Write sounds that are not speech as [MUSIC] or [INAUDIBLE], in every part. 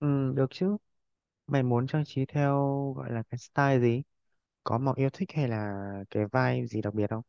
Ừ, được chứ. Mày muốn trang trí theo gọi là cái style gì? Có màu yêu thích hay là cái vibe gì đặc biệt không?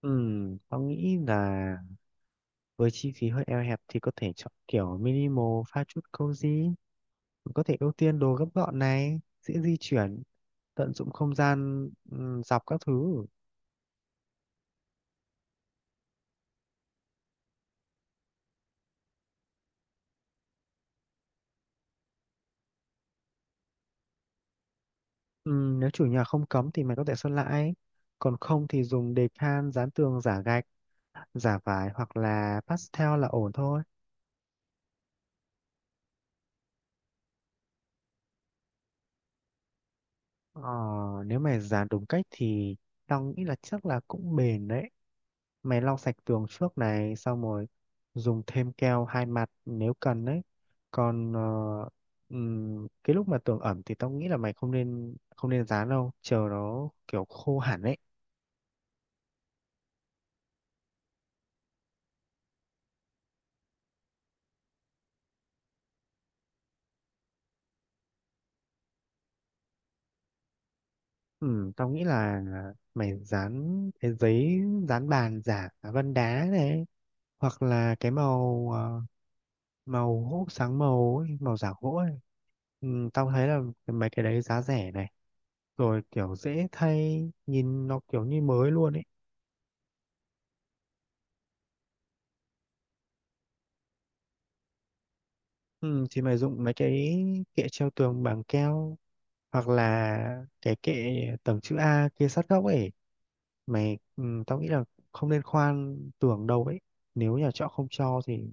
Ừ, tao nghĩ là với chi phí hơi eo hẹp thì có thể chọn kiểu minimal pha chút cozy. Có thể ưu tiên đồ gấp gọn này, dễ di chuyển, tận dụng không gian dọc các thứ. Ừ, nếu chủ nhà không cấm thì mày có thể sơn lại. Còn không thì dùng decal dán tường giả gạch, giả vải hoặc là pastel là ổn thôi. Ờ, nếu mày dàn đúng cách thì tao nghĩ là chắc là cũng bền đấy. Mày lau sạch tường trước này, xong rồi dùng thêm keo hai mặt nếu cần đấy. Còn cái lúc mà tường ẩm thì tao nghĩ là mày không nên dán đâu, chờ nó kiểu khô hẳn đấy. Ừ, tao nghĩ là mày dán cái giấy dán bàn giả vân đá này, hoặc là cái màu màu hút sáng màu ấy, màu giả gỗ ấy. Ừ, tao thấy là mấy cái đấy giá rẻ này, rồi kiểu dễ thay, nhìn nó kiểu như mới luôn ấy. Ừ, thì mày dùng mấy cái kệ treo tường bằng keo, hoặc là cái kệ tầng chữ A kia sát góc ấy mày. Ừ, Tao nghĩ là không nên khoan tường đâu ấy, nếu nhà trọ không cho thì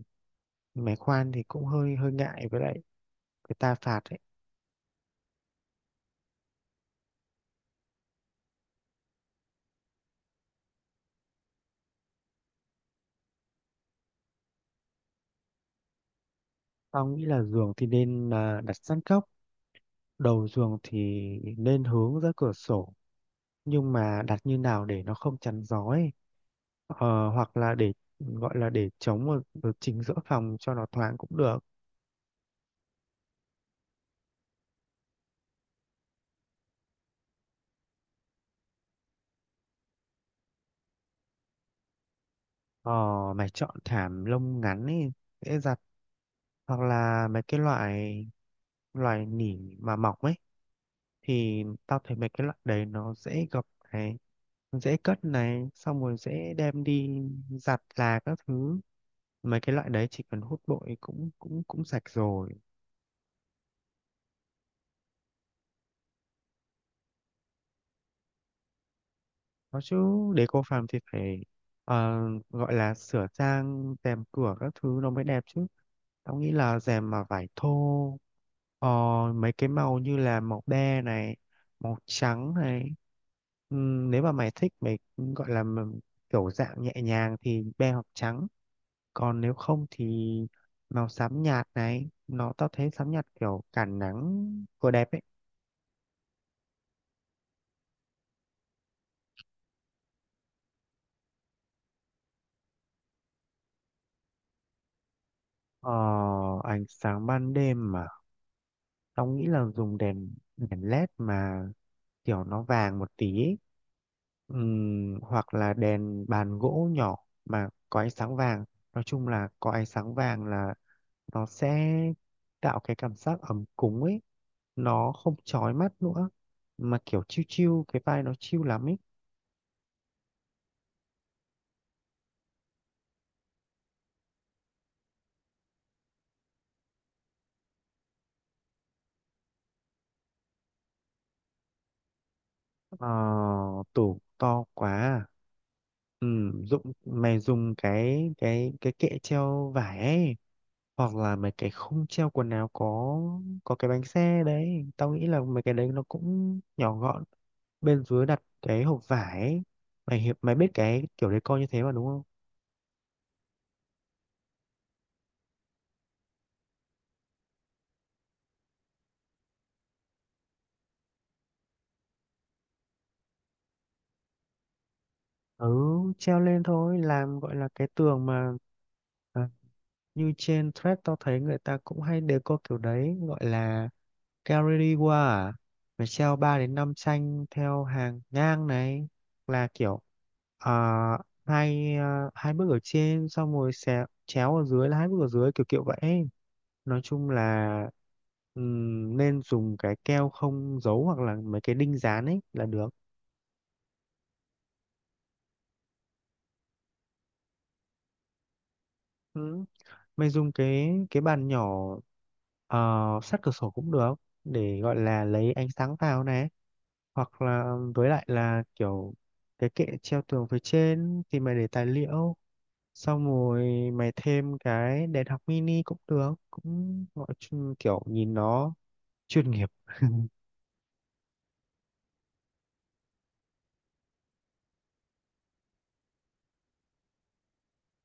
mày khoan thì cũng hơi hơi ngại, với lại người ta phạt ấy. Tao nghĩ là giường thì nên đặt sát góc, đầu giường thì nên hướng ra cửa sổ, nhưng mà đặt như nào để nó không chắn gió ấy. Hoặc là để gọi là để chống ở chính giữa phòng cho nó thoáng cũng được. Ờ, mày chọn thảm lông ngắn ấy, dễ giặt, hoặc là mấy cái loại loại nỉ mà mỏng ấy, thì tao thấy mấy cái loại đấy nó dễ gập này, dễ cất này, xong rồi dễ đem đi giặt là các thứ. Mấy cái loại đấy chỉ cần hút bụi cũng cũng cũng sạch rồi. Có chứ, để cô phàm thì phải ờ, gọi là sửa sang rèm cửa các thứ nó mới đẹp chứ. Tao nghĩ là rèm mà vải thô, ờ, mấy cái màu như là màu be này, màu trắng này. Nếu mà mày thích mày gọi là mà kiểu dạng nhẹ nhàng thì be hoặc trắng. Còn nếu không thì màu xám nhạt này, nó tao thấy xám nhạt kiểu cản nắng vừa đẹp ấy. Ờ, ánh sáng ban đêm mà. Tao nghĩ là dùng đèn đèn led mà kiểu nó vàng một tí ấy. Hoặc là đèn bàn gỗ nhỏ mà có ánh sáng vàng, nói chung là có ánh sáng vàng là nó sẽ tạo cái cảm giác ấm cúng ấy, nó không chói mắt nữa, mà kiểu chill chill, cái vai nó chill lắm ấy. Ờ, tủ to quá à? Dụng mày dùng cái kệ treo vải ấy, hoặc là mấy cái khung treo quần áo có cái bánh xe đấy. Tao nghĩ là mấy cái đấy nó cũng nhỏ gọn, bên dưới đặt cái hộp vải ấy. Mày biết cái kiểu decor như thế mà đúng không? Ừ, treo lên thôi, làm gọi là cái tường mà, à, như trên thread tao thấy người ta cũng hay decor kiểu đấy, gọi là Galleria à, phải treo 3 đến 5 tranh theo hàng ngang này, là kiểu à, hai bước ở trên, xong rồi xé, chéo ở dưới là hai bước ở dưới, kiểu kiểu vậy. Nói chung là nên dùng cái keo không dấu, hoặc là mấy cái đinh dán ấy là được. Ừ. Mày dùng cái bàn nhỏ, ờ, sát cửa sổ cũng được, để gọi là lấy ánh sáng vào này, hoặc là với lại là kiểu cái kệ treo tường phía trên thì mày để tài liệu, xong rồi mày thêm cái đèn học mini cũng được, kiểu nhìn nó chuyên nghiệp. [LAUGHS]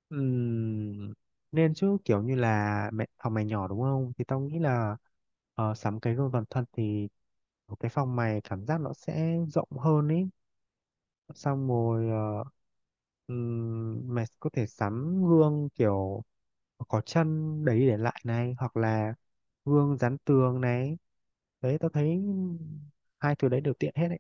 Ừm, nên chứ, kiểu như là mẹ phòng mày nhỏ đúng không, thì tao nghĩ là sắm cái gương toàn thân thì cái phòng mày cảm giác nó sẽ rộng hơn ý. Xong rồi mày có thể sắm gương kiểu có chân đấy để lại này, hoặc là gương dán tường này, đấy tao thấy hai thứ đấy đều tiện hết đấy.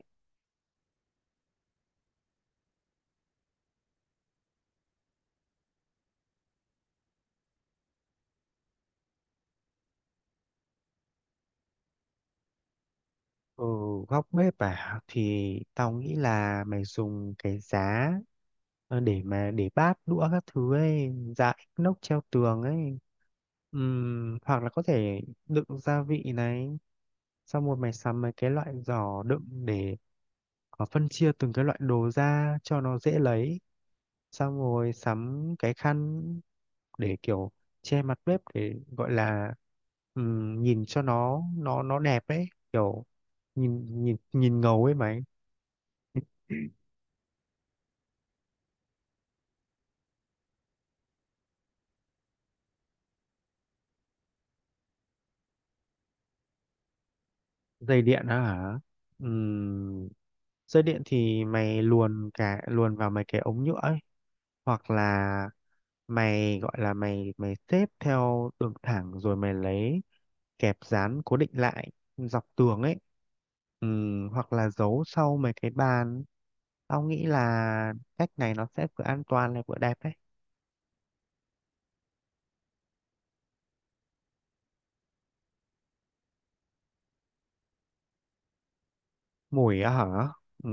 Ở góc bếp à, thì tao nghĩ là mày dùng cái giá, để mà để bát đũa các thứ ấy dại nóc treo tường ấy. Hoặc là có thể đựng gia vị này, xong rồi mày sắm mấy cái loại giỏ đựng để phân chia từng cái loại đồ ra cho nó dễ lấy, xong rồi sắm cái khăn để kiểu che mặt bếp, để gọi là nhìn cho nó đẹp ấy, kiểu nhìn nhìn nhìn ngầu ấy mày. Dây điện á hả? Ừm, dây điện thì mày luồn vào mấy cái ống nhựa ấy, hoặc là mày gọi là mày mày xếp theo đường thẳng rồi mày lấy kẹp dán cố định lại dọc tường ấy, ừ, hoặc là giấu sau mấy cái bàn. Tao nghĩ là cách này nó sẽ vừa an toàn lại vừa đẹp đấy. Mùi á hả? Ừ.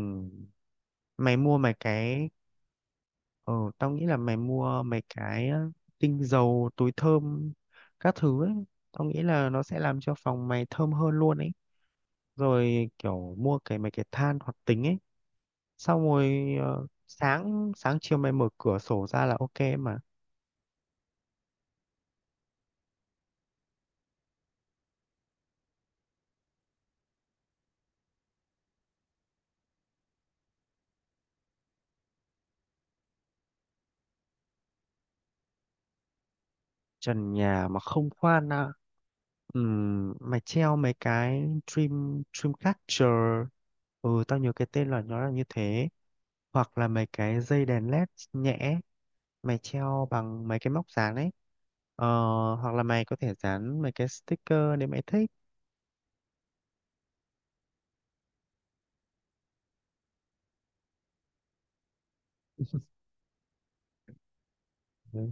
mày mua mấy cái ờ tao nghĩ là mày mua mấy cái tinh dầu, túi thơm các thứ ấy. Tao nghĩ là nó sẽ làm cho phòng mày thơm hơn luôn ấy, rồi kiểu mua mấy cái than hoạt tính ấy, xong rồi sáng sáng chiều mày mở cửa sổ ra là ok mà. Trần nhà mà không khoan à? Mày treo mấy cái dreamcatcher, ừ tao nhớ cái tên là nó là như thế, hoặc là mấy cái dây đèn led nhẹ mày treo bằng mấy cái móc dán ấy, ờ, hoặc là mày có thể dán mấy cái sticker nếu mày thích. Ừ.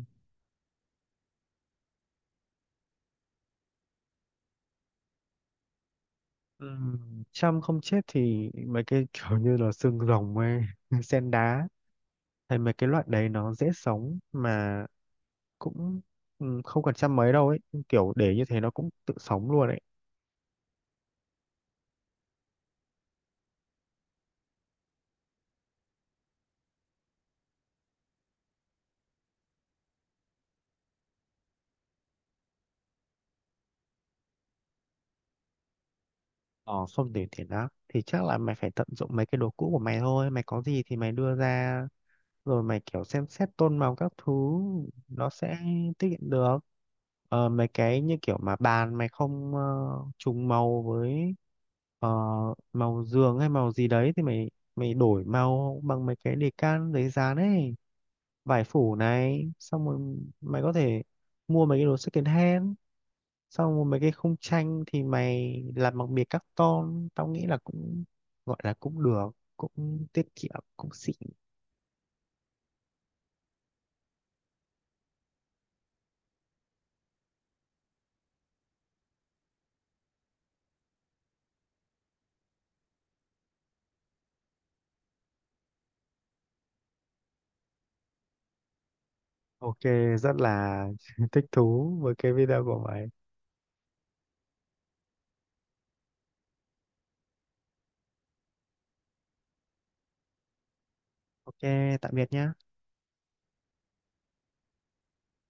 Chăm không chết thì mấy cái [LAUGHS] kiểu như là xương rồng ấy, [LAUGHS] sen đá, hay mấy cái loại đấy nó dễ sống mà cũng không cần chăm mấy đâu ấy, kiểu để như thế nó cũng tự sống luôn ấy. Ờ không để tiền đó thì chắc là mày phải tận dụng mấy cái đồ cũ của mày thôi, mày có gì thì mày đưa ra, rồi mày kiểu xem xét tôn màu các thứ nó sẽ tiết kiệm được. Mấy cái như kiểu mà bàn mày không trùng màu với ờ, màu giường hay màu gì đấy, thì mày mày đổi màu bằng mấy cái đề can giấy dán ấy, vải phủ này, xong rồi mày có thể mua mấy cái đồ second hand, xong rồi mấy cái khung tranh thì mày làm bằng bìa carton, tao nghĩ là cũng gọi là cũng được, cũng tiết kiệm, cũng xịn. Ok, rất là [LAUGHS] thích thú với cái video của mày. Ok, tạm biệt nhá.